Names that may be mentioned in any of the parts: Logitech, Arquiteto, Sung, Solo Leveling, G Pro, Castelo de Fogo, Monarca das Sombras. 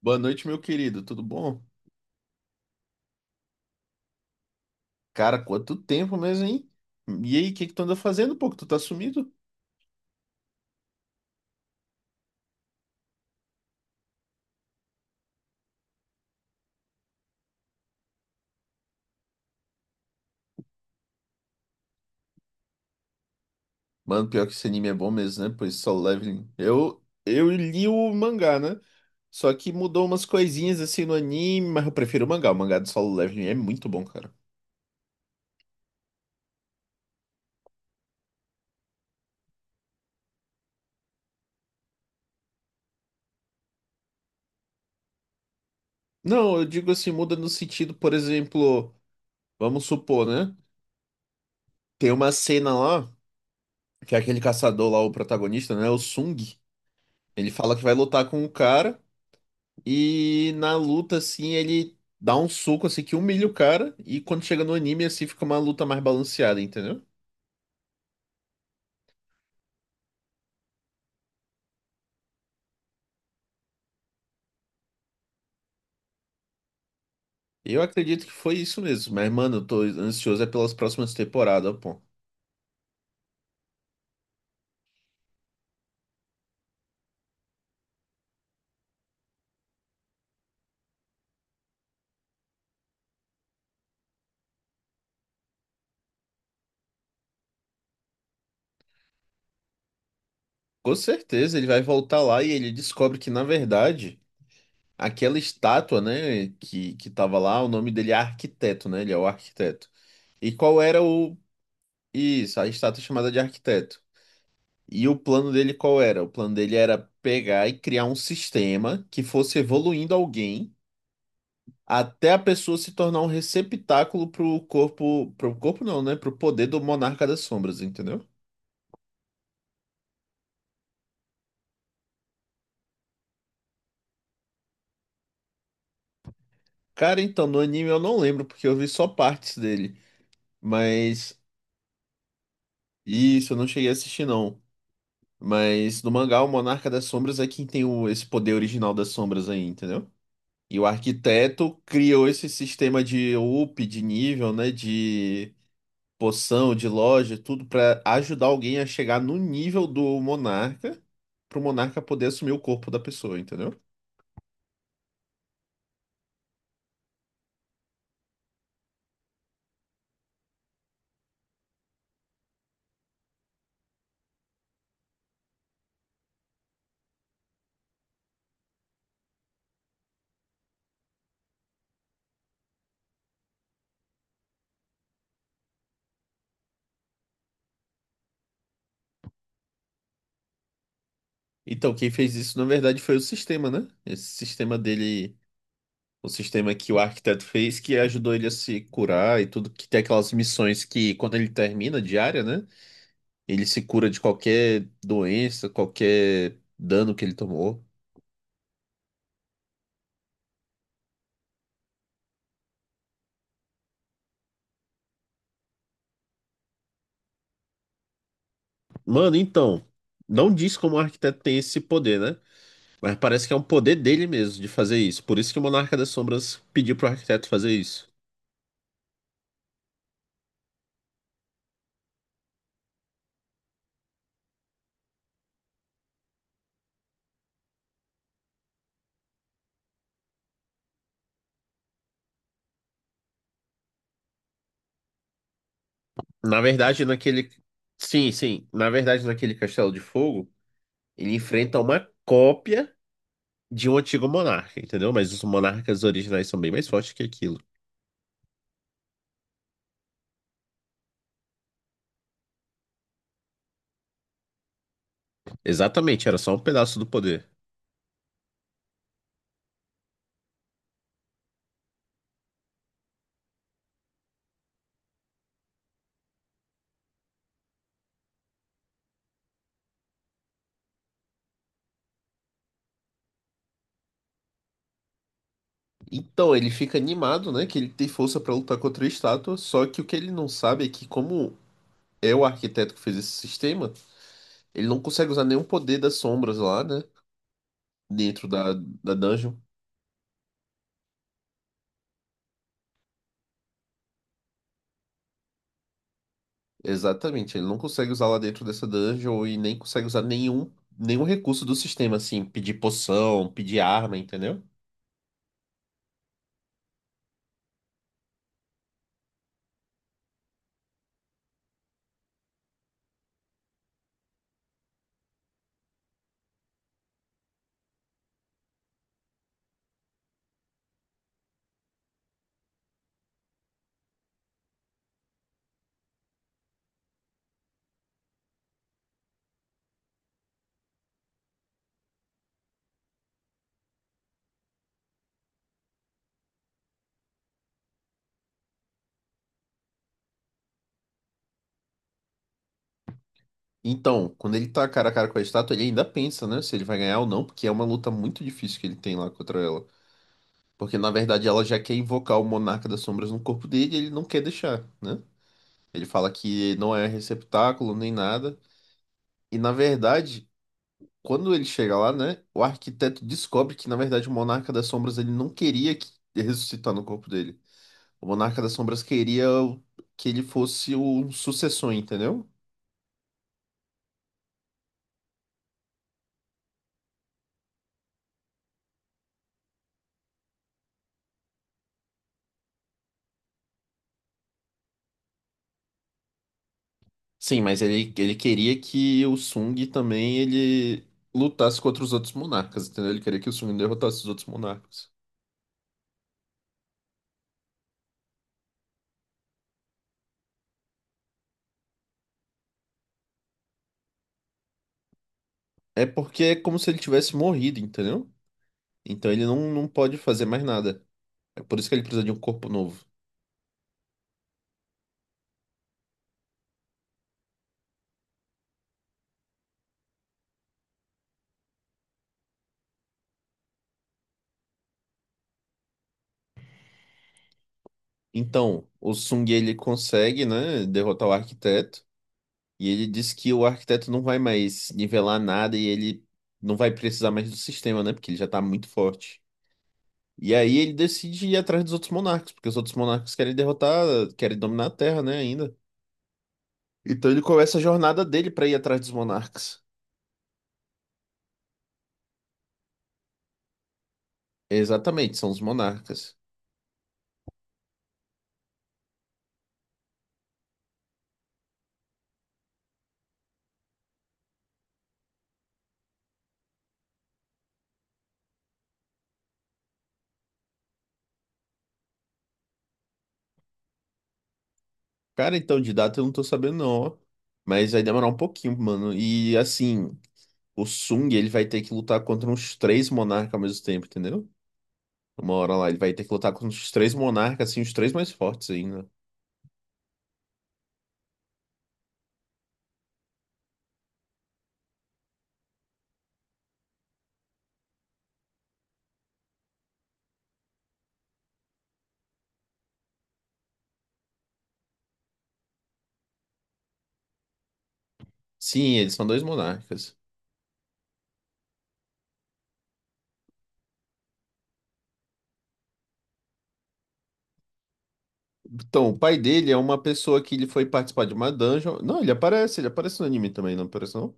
Boa noite, meu querido. Tudo bom? Cara, quanto tempo mesmo, hein? E aí, o que que tu anda fazendo, pô? Que tu tá sumido? Mano, pior que esse anime é bom mesmo, né? Pois Solo Leveling. Eu li o mangá, né? Só que mudou umas coisinhas assim no anime, mas eu prefiro o mangá. O mangá do Solo Leveling é muito bom, cara. Não, eu digo assim, muda no sentido, por exemplo, vamos supor, né? Tem uma cena lá, que é aquele caçador lá, o protagonista, né? O Sung. Ele fala que vai lutar com o cara. E na luta, assim, ele dá um soco, assim, que humilha o cara. E quando chega no anime, assim, fica uma luta mais balanceada, entendeu? Eu acredito que foi isso mesmo. Mas, mano, eu tô ansioso é pelas próximas temporadas, pô. Com certeza ele vai voltar lá e ele descobre que, na verdade, aquela estátua, né, que tava lá, o nome dele é Arquiteto, né? Ele é o arquiteto. E qual era o. Isso, a estátua chamada de Arquiteto. E o plano dele qual era? O plano dele era pegar e criar um sistema que fosse evoluindo alguém até a pessoa se tornar um receptáculo pro corpo não, né? Pro poder do Monarca das Sombras, entendeu? Cara, então no anime eu não lembro porque eu vi só partes dele, mas isso eu não cheguei a assistir não. Mas no mangá o Monarca das Sombras é quem tem o, esse poder original das sombras aí, entendeu? E o arquiteto criou esse sistema de up, de nível, né? De poção, de loja, tudo pra ajudar alguém a chegar no nível do monarca, pro monarca poder assumir o corpo da pessoa, entendeu? Então, quem fez isso, na verdade, foi o sistema, né? Esse sistema dele, o sistema que o arquiteto fez, que ajudou ele a se curar e tudo, que tem aquelas missões que, quando ele termina diária, né? Ele se cura de qualquer doença, qualquer dano que ele tomou. Mano, então, não diz como o arquiteto tem esse poder, né? Mas parece que é um poder dele mesmo de fazer isso. Por isso que o Monarca das Sombras pediu pro arquiteto fazer isso. Na verdade, naquele. Sim, sim. Na verdade, naquele Castelo de Fogo, ele enfrenta uma cópia de um antigo monarca, entendeu? Mas os monarcas originais são bem mais fortes que aquilo. Exatamente, era só um pedaço do poder. Então, ele fica animado, né? Que ele tem força pra lutar contra a estátua. Só que o que ele não sabe é que, como é o arquiteto que fez esse sistema, ele não consegue usar nenhum poder das sombras lá, né? Dentro da dungeon. Exatamente, ele não consegue usar lá dentro dessa dungeon e nem consegue usar nenhum, nenhum recurso do sistema, assim, pedir poção, pedir arma, entendeu? Então, quando ele tá cara a cara com a estátua, ele ainda pensa, né, se ele vai ganhar ou não, porque é uma luta muito difícil que ele tem lá contra ela. Porque, na verdade, ela já quer invocar o Monarca das Sombras no corpo dele e ele não quer deixar, né? Ele fala que não é receptáculo nem nada. E, na verdade, quando ele chega lá, né, o arquiteto descobre que, na verdade, o Monarca das Sombras ele não queria que ressuscitar no corpo dele. O Monarca das Sombras queria que ele fosse o sucessor, entendeu? Sim, mas ele queria que o Sung também ele lutasse contra os outros monarcas, entendeu? Ele queria que o Sung derrotasse os outros monarcas. É porque é como se ele tivesse morrido, entendeu? Então ele não, não pode fazer mais nada. É por isso que ele precisa de um corpo novo. Então, o Sung ele consegue, né, derrotar o arquiteto. E ele diz que o arquiteto não vai mais nivelar nada e ele não vai precisar mais do sistema, né? Porque ele já tá muito forte. E aí ele decide ir atrás dos outros monarcas, porque os outros monarcas querem derrotar, querem dominar a Terra, né, ainda. Então ele começa a jornada dele pra ir atrás dos monarcas. Exatamente, são os monarcas. Cara, então de data eu não tô sabendo não, ó. Mas vai demorar um pouquinho, mano. E assim, o Sung, ele vai ter que lutar contra uns três monarcas ao mesmo tempo, entendeu? Uma hora lá, ele vai ter que lutar contra os três monarcas, assim, os três mais fortes ainda. Sim, eles são dois monarcas. Então, o pai dele é uma pessoa que ele foi participar de uma dungeon. Não, ele aparece no anime também, não aparece não?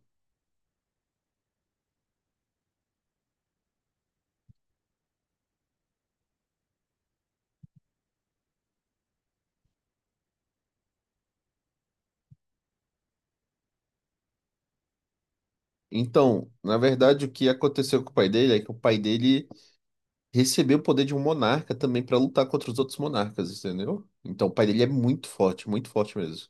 Então, na verdade, o que aconteceu com o pai dele é que o pai dele recebeu o poder de um monarca também pra lutar contra os outros monarcas, entendeu? Então, o pai dele é muito forte mesmo.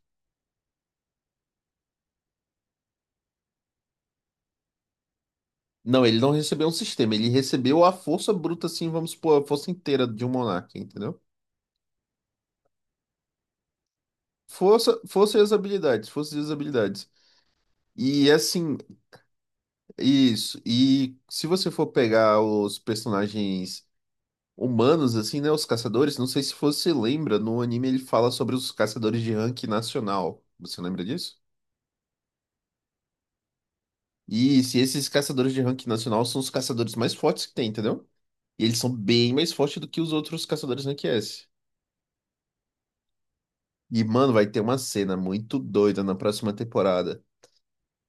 Não, ele não recebeu um sistema, ele recebeu a força bruta, assim, vamos supor, a força inteira de um monarca, entendeu? Força, força e as habilidades, força e as habilidades. E assim, isso. E se você for pegar os personagens humanos, assim, né? Os caçadores. Não sei se você lembra, no anime ele fala sobre os caçadores de rank nacional. Você lembra disso? E se esses caçadores de rank nacional são os caçadores mais fortes que tem, entendeu? E eles são bem mais fortes do que os outros caçadores rank S. E, mano, vai ter uma cena muito doida na próxima temporada.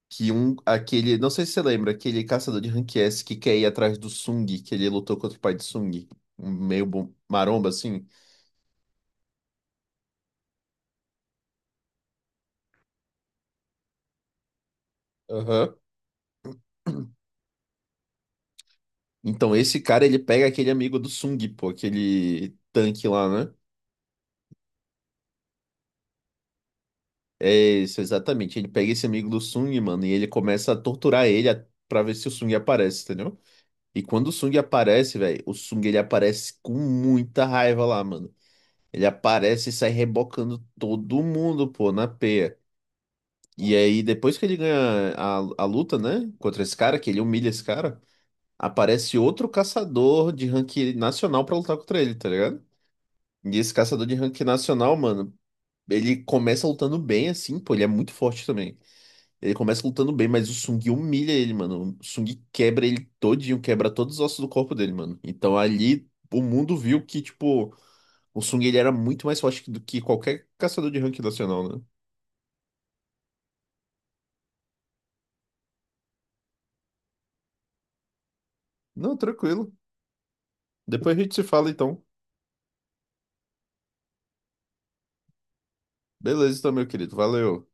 Que um, aquele, não sei se você lembra, aquele caçador de rank S que quer ir atrás do Sung, que ele lutou contra o pai de Sung, um meio maromba assim. Aham. Então, esse cara, ele pega aquele amigo do Sung, pô, aquele tanque lá, né? É isso, exatamente. Ele pega esse amigo do Sung, mano, e ele começa a torturar ele pra ver se o Sung aparece, entendeu? E quando o Sung aparece, velho, o Sung, ele aparece com muita raiva lá, mano. Ele aparece e sai rebocando todo mundo, pô, na peia. E aí, depois que ele ganha a luta, né, contra esse cara, que ele humilha esse cara, aparece outro caçador de ranking nacional pra lutar contra ele, tá ligado? E esse caçador de rank nacional, mano, ele começa lutando bem, assim, pô, ele é muito forte também. Ele começa lutando bem, mas o Sung humilha ele, mano. O Sung quebra ele todinho, quebra todos os ossos do corpo dele, mano. Então ali o mundo viu que, tipo, o Sung ele era muito mais forte do que qualquer caçador de rank nacional, né? Não, tranquilo. Depois a gente se fala, então. Beleza, então, meu querido. Valeu.